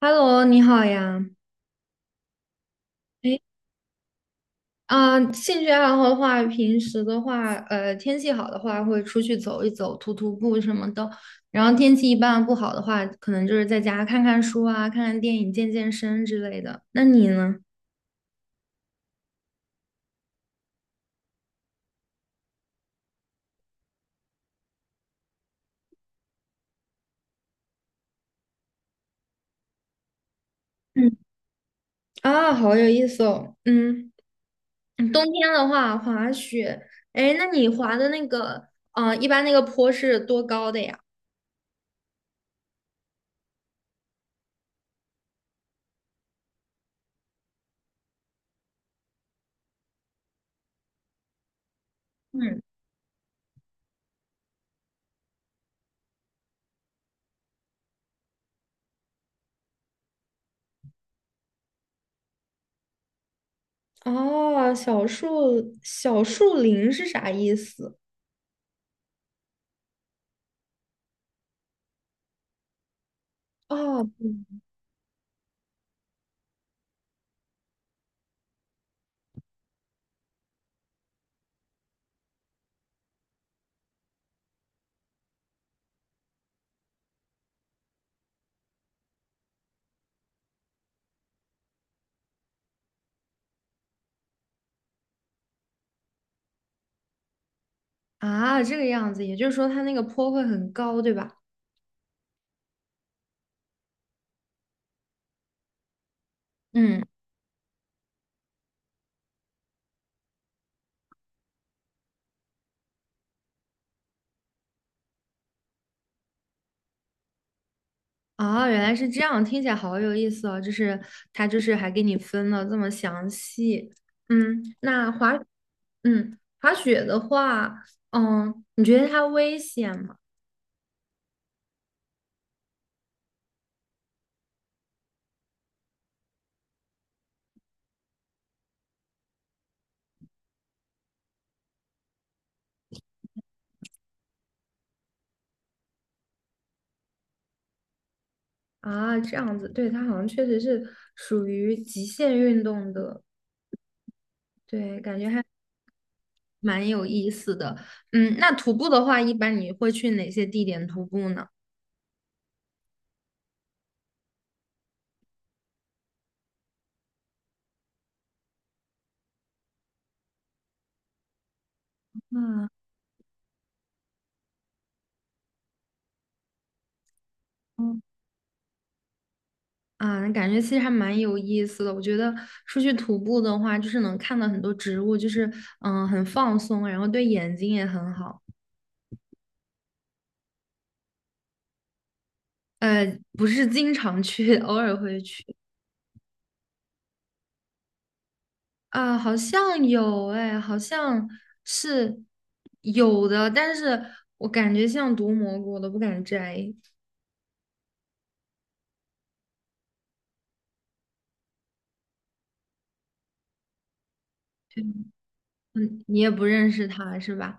Hello，你好呀。哎，啊，兴趣爱好的话，平时的话，天气好的话，会出去走一走，徒步什么的。然后天气一般不好的话，可能就是在家看看书啊，看看电影，健健身之类的。那你呢？嗯，啊，好有意思哦。嗯，冬天的话，滑雪。哎，那你滑的那个，啊，一般那个坡是多高的呀？嗯，哦，小树林是啥意思？哦，啊，这个样子，也就是说它那个坡会很高，对吧？嗯，啊，原来是这样，听起来好有意思哦。就是它就是还给你分了这么详细。嗯，那滑，嗯，滑雪的话，嗯，你觉得它危险吗？啊，这样子，对，它好像确实是属于极限运动的，对，感觉还蛮有意思的。嗯，那徒步的话，一般你会去哪些地点徒步呢？嗯。啊，那感觉其实还蛮有意思的。我觉得出去徒步的话，就是能看到很多植物，就是很放松，然后对眼睛也很好。呃，不是经常去，偶尔会去。啊，好像有哎，好像是有的，但是我感觉像毒蘑菇，我都不敢摘。嗯，你也不认识它是吧？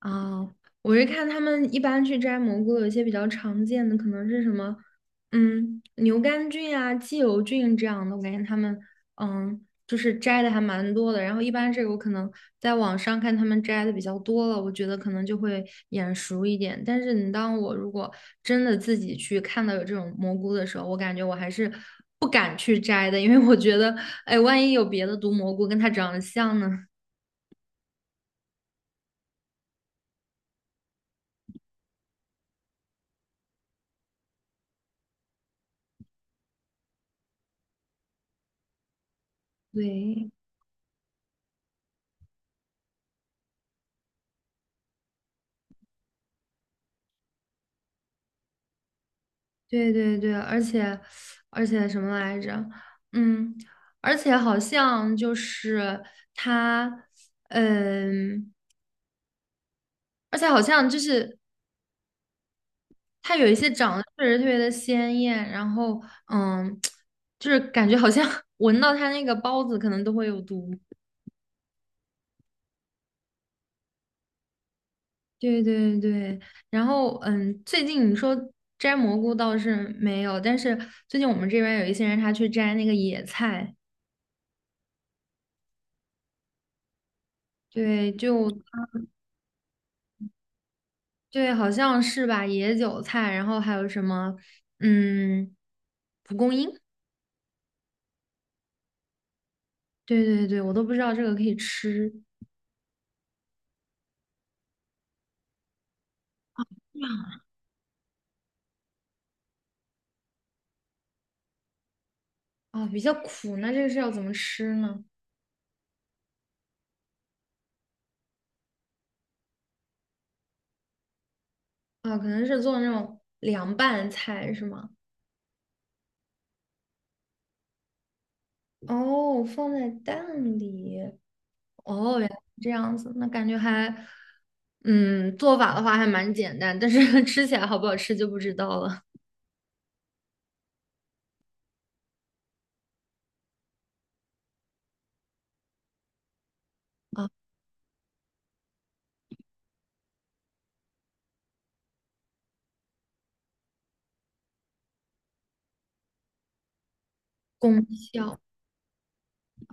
啊，我是看他们一般去摘蘑菇，有一些比较常见的可能是什么，嗯，牛肝菌啊、鸡油菌这样的，我感觉他们嗯，就是摘的还蛮多的。然后一般这个我可能在网上看他们摘的比较多了，我觉得可能就会眼熟一点。但是你当我如果真的自己去看到有这种蘑菇的时候，我感觉我还是不敢去摘的，因为我觉得，哎，万一有别的毒蘑菇跟它长得像呢？对。对对对，而且什么来着？嗯，而且好像就是他，嗯，而且好像就是他有一些长得确实特别的鲜艳，然后嗯，就是感觉好像 闻到他那个包子可能都会有毒。对对对，然后最近你说摘蘑菇倒是没有，但是最近我们这边有一些人他去摘那个野菜，对，就。对，好像是吧，野韭菜，然后还有什么，嗯，蒲公英，对对对，我都不知道这个可以吃。啊，比较苦，那这个是要怎么吃呢？啊，可能是做那种凉拌菜是吗？哦，放在蛋里，哦，原来是这样子，那感觉还，嗯，做法的话还蛮简单，但是 吃起来好不好吃就不知道了。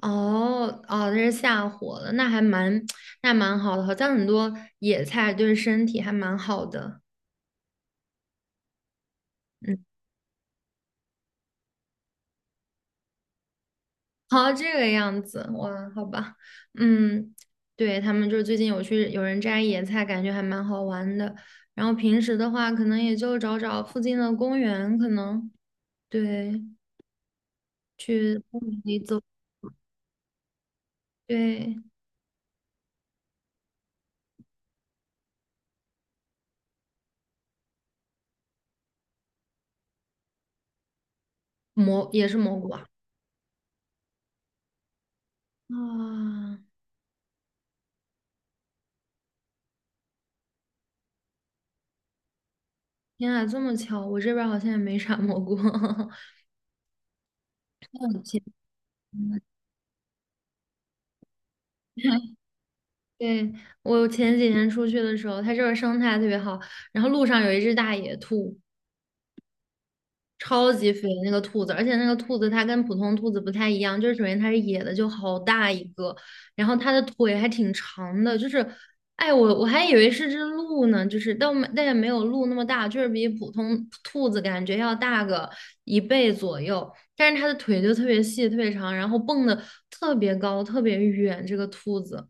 哦哦，这是下火了，那还蛮 那蛮好的，好像很多野菜对身体还蛮好的。嗯，好，这个样子，哇，好吧，嗯，对，他们就是最近有人摘野菜，感觉还蛮好玩的。然后平时的话，可能也就找找附近的公园，可能对，去公园里走，对，蘑也是蘑菇啊。啊，天啊，这么巧，我这边儿好像也没啥蘑菇。抱歉 对，我前几天出去的时候，它这儿生态特别好，然后路上有一只大野兔，超级肥那个兔子，而且那个兔子它跟普通兔子不太一样，就是首先它是野的，就好大一个，然后它的腿还挺长的，就是，哎，我还以为是只鹿呢，就是但没但也没有鹿那么大，就是比普通兔子感觉要大个一倍左右，但是它的腿就特别细，特别长，然后蹦的特别高，特别远，这个兔子。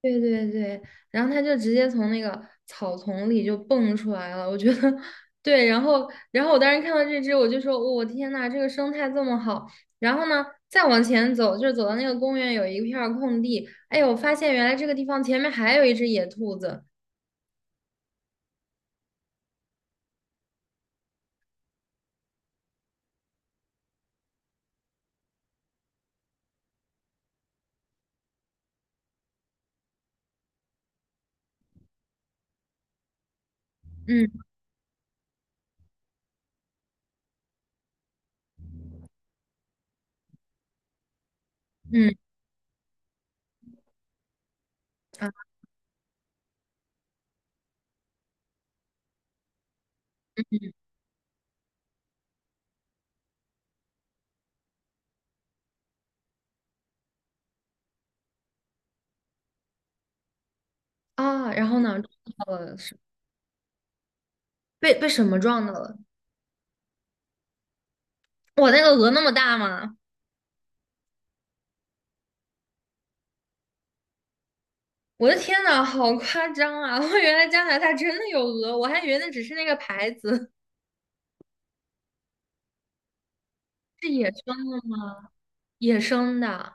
对对对，然后他就直接从那个草丛里就蹦出来了，我觉得 对，然后我当时看到这只，我就说，哦我、天呐，这个生态这么好。然后呢，再往前走，就是走到那个公园有一片儿空地，哎呦，我发现原来这个地方前面还有一只野兔子，嗯嗯啊啊，然后呢，撞到了是被什么撞到了？我那个鹅那么大吗？我的天呐，好夸张啊！我原来加拿大真的有鹅，我还以为那只是那个牌子，是野生。野生的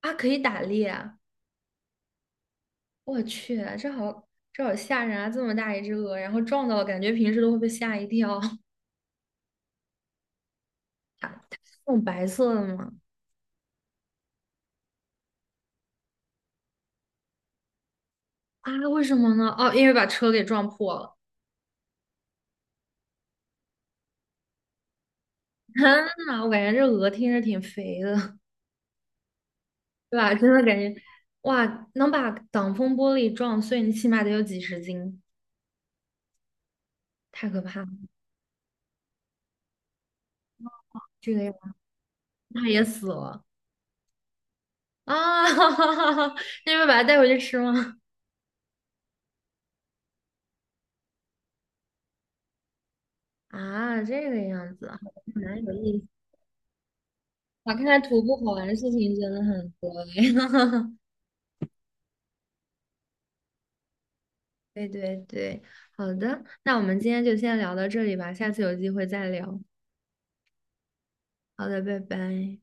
啊，可以打猎。我去，这好吓人啊！这么大一只鹅，然后撞到了，感觉平时都会被吓一跳。它是那种白色的吗？啊，为什么呢？哦，因为把车给撞破了。天呐，我感觉这鹅听着挺肥的，对吧？真的感觉，哇，能把挡风玻璃撞碎，你起码得有几十斤，太可怕了。这个样子，它也死了啊！哈哈哈哈那你们把它带回去吃吗？啊，这个样子啊。蛮有意思。哇，看来徒步好玩的事情真的很多哎。对对对，好的，那我们今天就先聊到这里吧，下次有机会再聊。好的，拜拜。